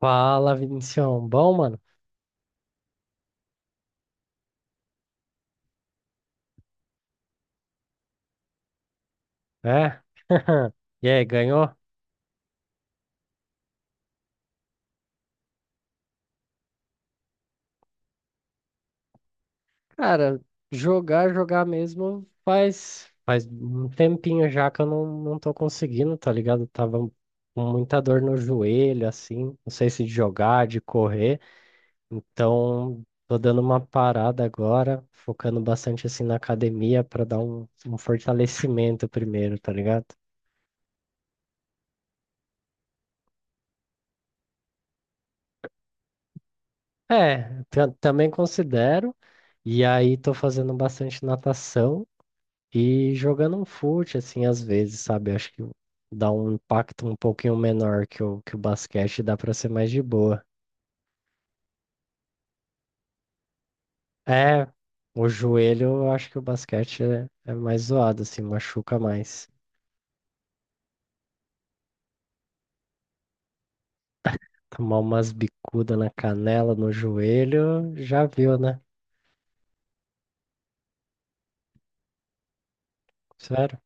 Fala, Vinicião. Bom, mano? É? E aí, ganhou? Cara, jogar mesmo faz um tempinho já que eu não tô conseguindo, tá ligado? Eu tava com muita dor no joelho, assim. Não sei se de jogar, de correr. Então, tô dando uma parada agora, focando bastante assim na academia pra dar um fortalecimento primeiro, tá ligado? É, também considero. E aí, tô fazendo bastante natação. E jogando um fute, assim, às vezes, sabe? Acho que dá um impacto um pouquinho menor que o basquete, dá pra ser mais de boa. É, o joelho, eu acho que o basquete é mais zoado, assim, machuca mais. Tomar umas bicudas na canela, no joelho, já viu, né? Sério?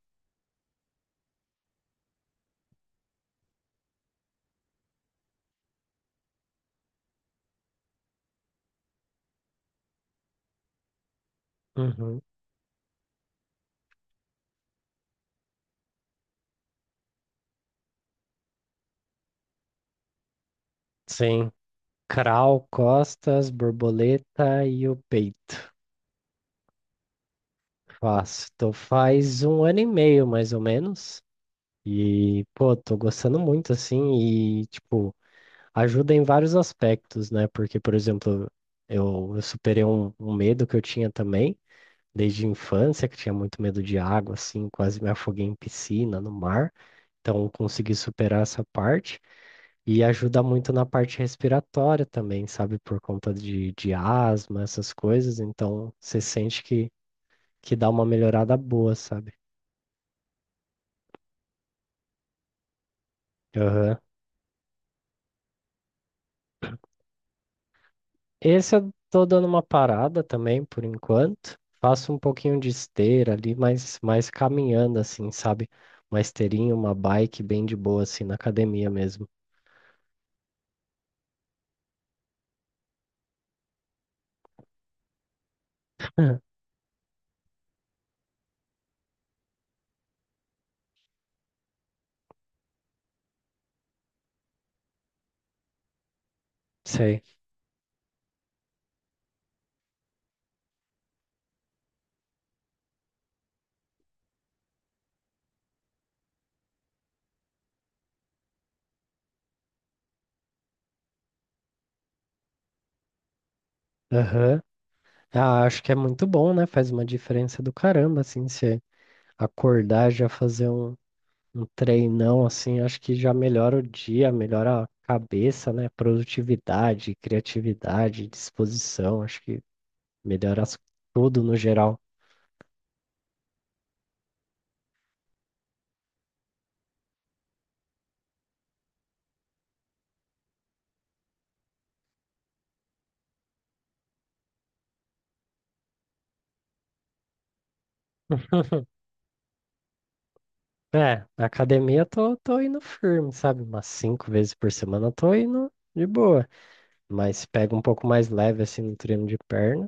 Uhum. Sim. Crawl, costas, borboleta e o peito. Faço. Então faz um ano e meio, mais ou menos. E, pô, tô gostando muito, assim, e, tipo, ajuda em vários aspectos, né? Porque, por exemplo, eu superei um medo que eu tinha também, desde a infância, que eu tinha muito medo de água, assim, quase me afoguei em piscina, no mar. Então, eu consegui superar essa parte. E ajuda muito na parte respiratória também, sabe? Por conta de asma, essas coisas. Então, você sente que dá uma melhorada boa, sabe? Aham. Esse eu tô dando uma parada também por enquanto. Faço um pouquinho de esteira ali, mas mais caminhando assim, sabe? Uma esteirinha, uma bike bem de boa assim na academia mesmo. Sei. Aham. Ah, acho que é muito bom, né? Faz uma diferença do caramba, assim, você acordar já fazer um treinão, assim, acho que já melhora o dia, melhora a cabeça, né? Produtividade, criatividade, disposição, acho que melhora as- tudo no geral. É, na academia eu tô, tô indo firme, sabe? Umas cinco vezes por semana eu tô indo de boa. Mas pega um pouco mais leve assim no treino de perna,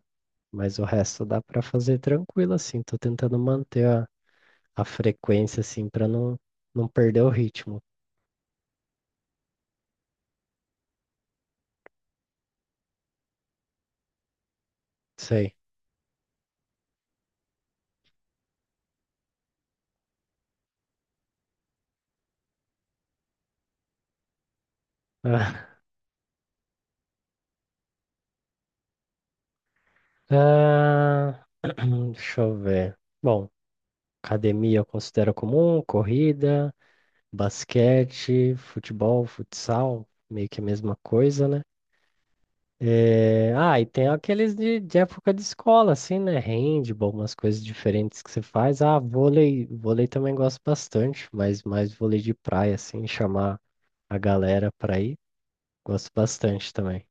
mas o resto dá pra fazer tranquilo assim. Tô tentando manter a frequência assim pra não perder o ritmo. Sei. Ah, ah, deixa eu ver. Bom, academia eu considero comum, corrida, basquete, futebol, futsal, meio que a mesma coisa, né? É, ah, e tem aqueles de época de escola, assim, né? Handball, umas coisas diferentes que você faz. Ah, vôlei também gosto bastante, mas mais vôlei de praia, assim, chamar a galera pra ir, gosto bastante também.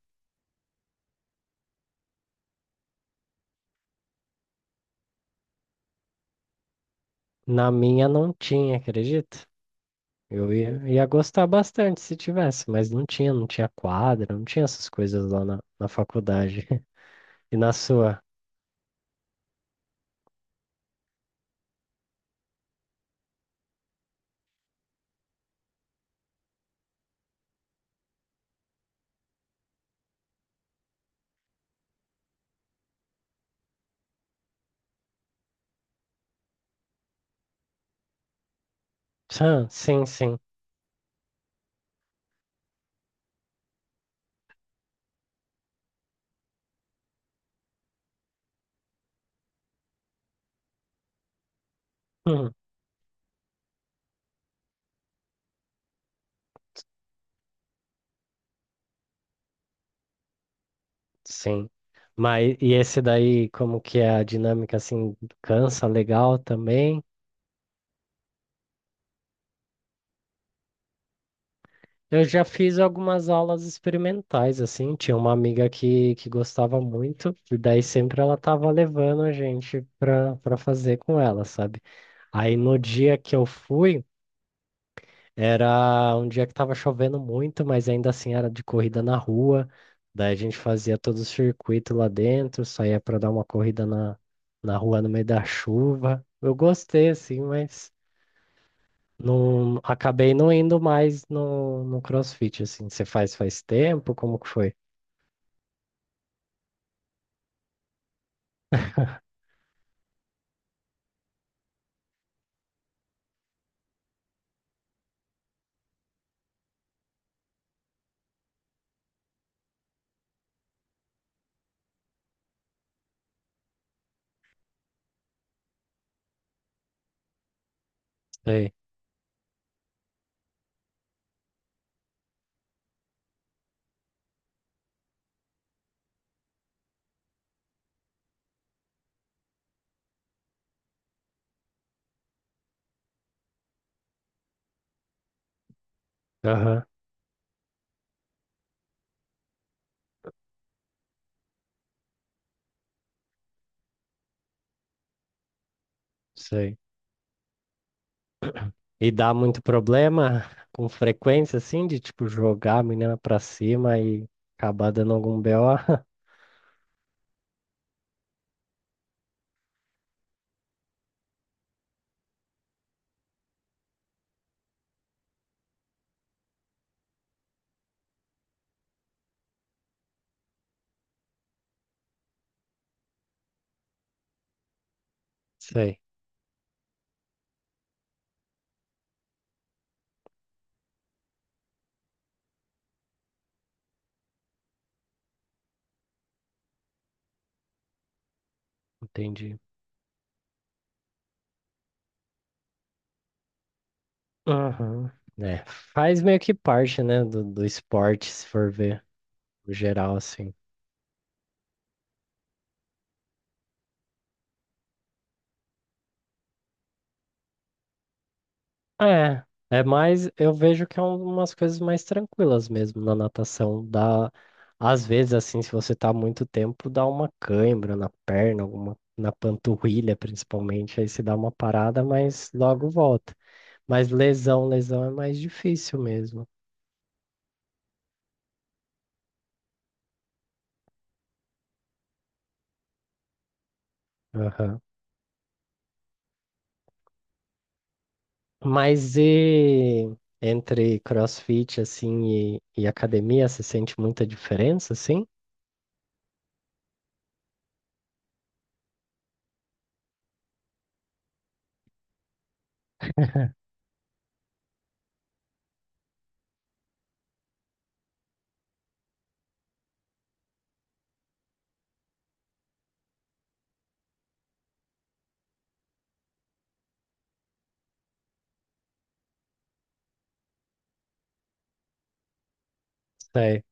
Na minha não tinha, acredita? Eu ia gostar bastante se tivesse, mas não tinha, não tinha quadra, não tinha essas coisas lá na faculdade. E na sua? Ah, sim, sim. Sim. Mas e esse daí, como que é a dinâmica assim, cansa legal também? Eu já fiz algumas aulas experimentais assim, tinha uma amiga que gostava muito, e daí sempre ela tava levando a gente pra fazer com ela, sabe? Aí no dia que eu fui, era um dia que tava chovendo muito, mas ainda assim era de corrida na rua. Daí a gente fazia todo o circuito lá dentro, saía para dar uma corrida na rua no meio da chuva. Eu gostei, assim, mas não acabei não indo mais no CrossFit, assim. Você faz faz tempo? Como que foi? Sei. Aham, sei. E dá muito problema com frequência, assim, de tipo jogar a menina pra cima e acabar dando algum BO? Sei, entendi. Aham. É, faz meio que parte, né, do esporte, se for ver, no geral, assim. É, é mais, eu vejo que é umas coisas mais tranquilas mesmo na natação. Dá, às vezes, assim, se você tá muito tempo, dá uma cãibra na perna, alguma, na panturrilha, principalmente, aí se dá uma parada, mas logo volta. Mas lesão é mais difícil mesmo. Mas e entre CrossFit assim e academia, você sente muita diferença, assim? Sei.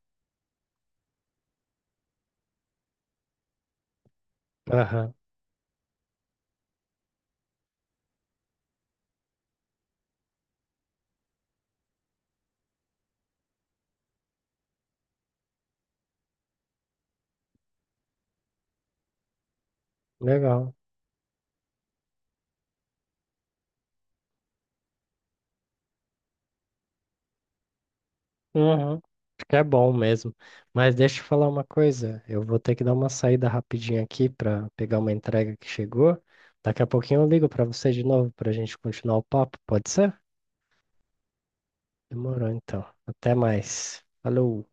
Aham. Legal. Uhum. Acho que é bom mesmo. Mas deixa eu falar uma coisa. Eu vou ter que dar uma saída rapidinho aqui para pegar uma entrega que chegou. Daqui a pouquinho eu ligo para você de novo para a gente continuar o papo, pode ser? Demorou então. Até mais. Falou.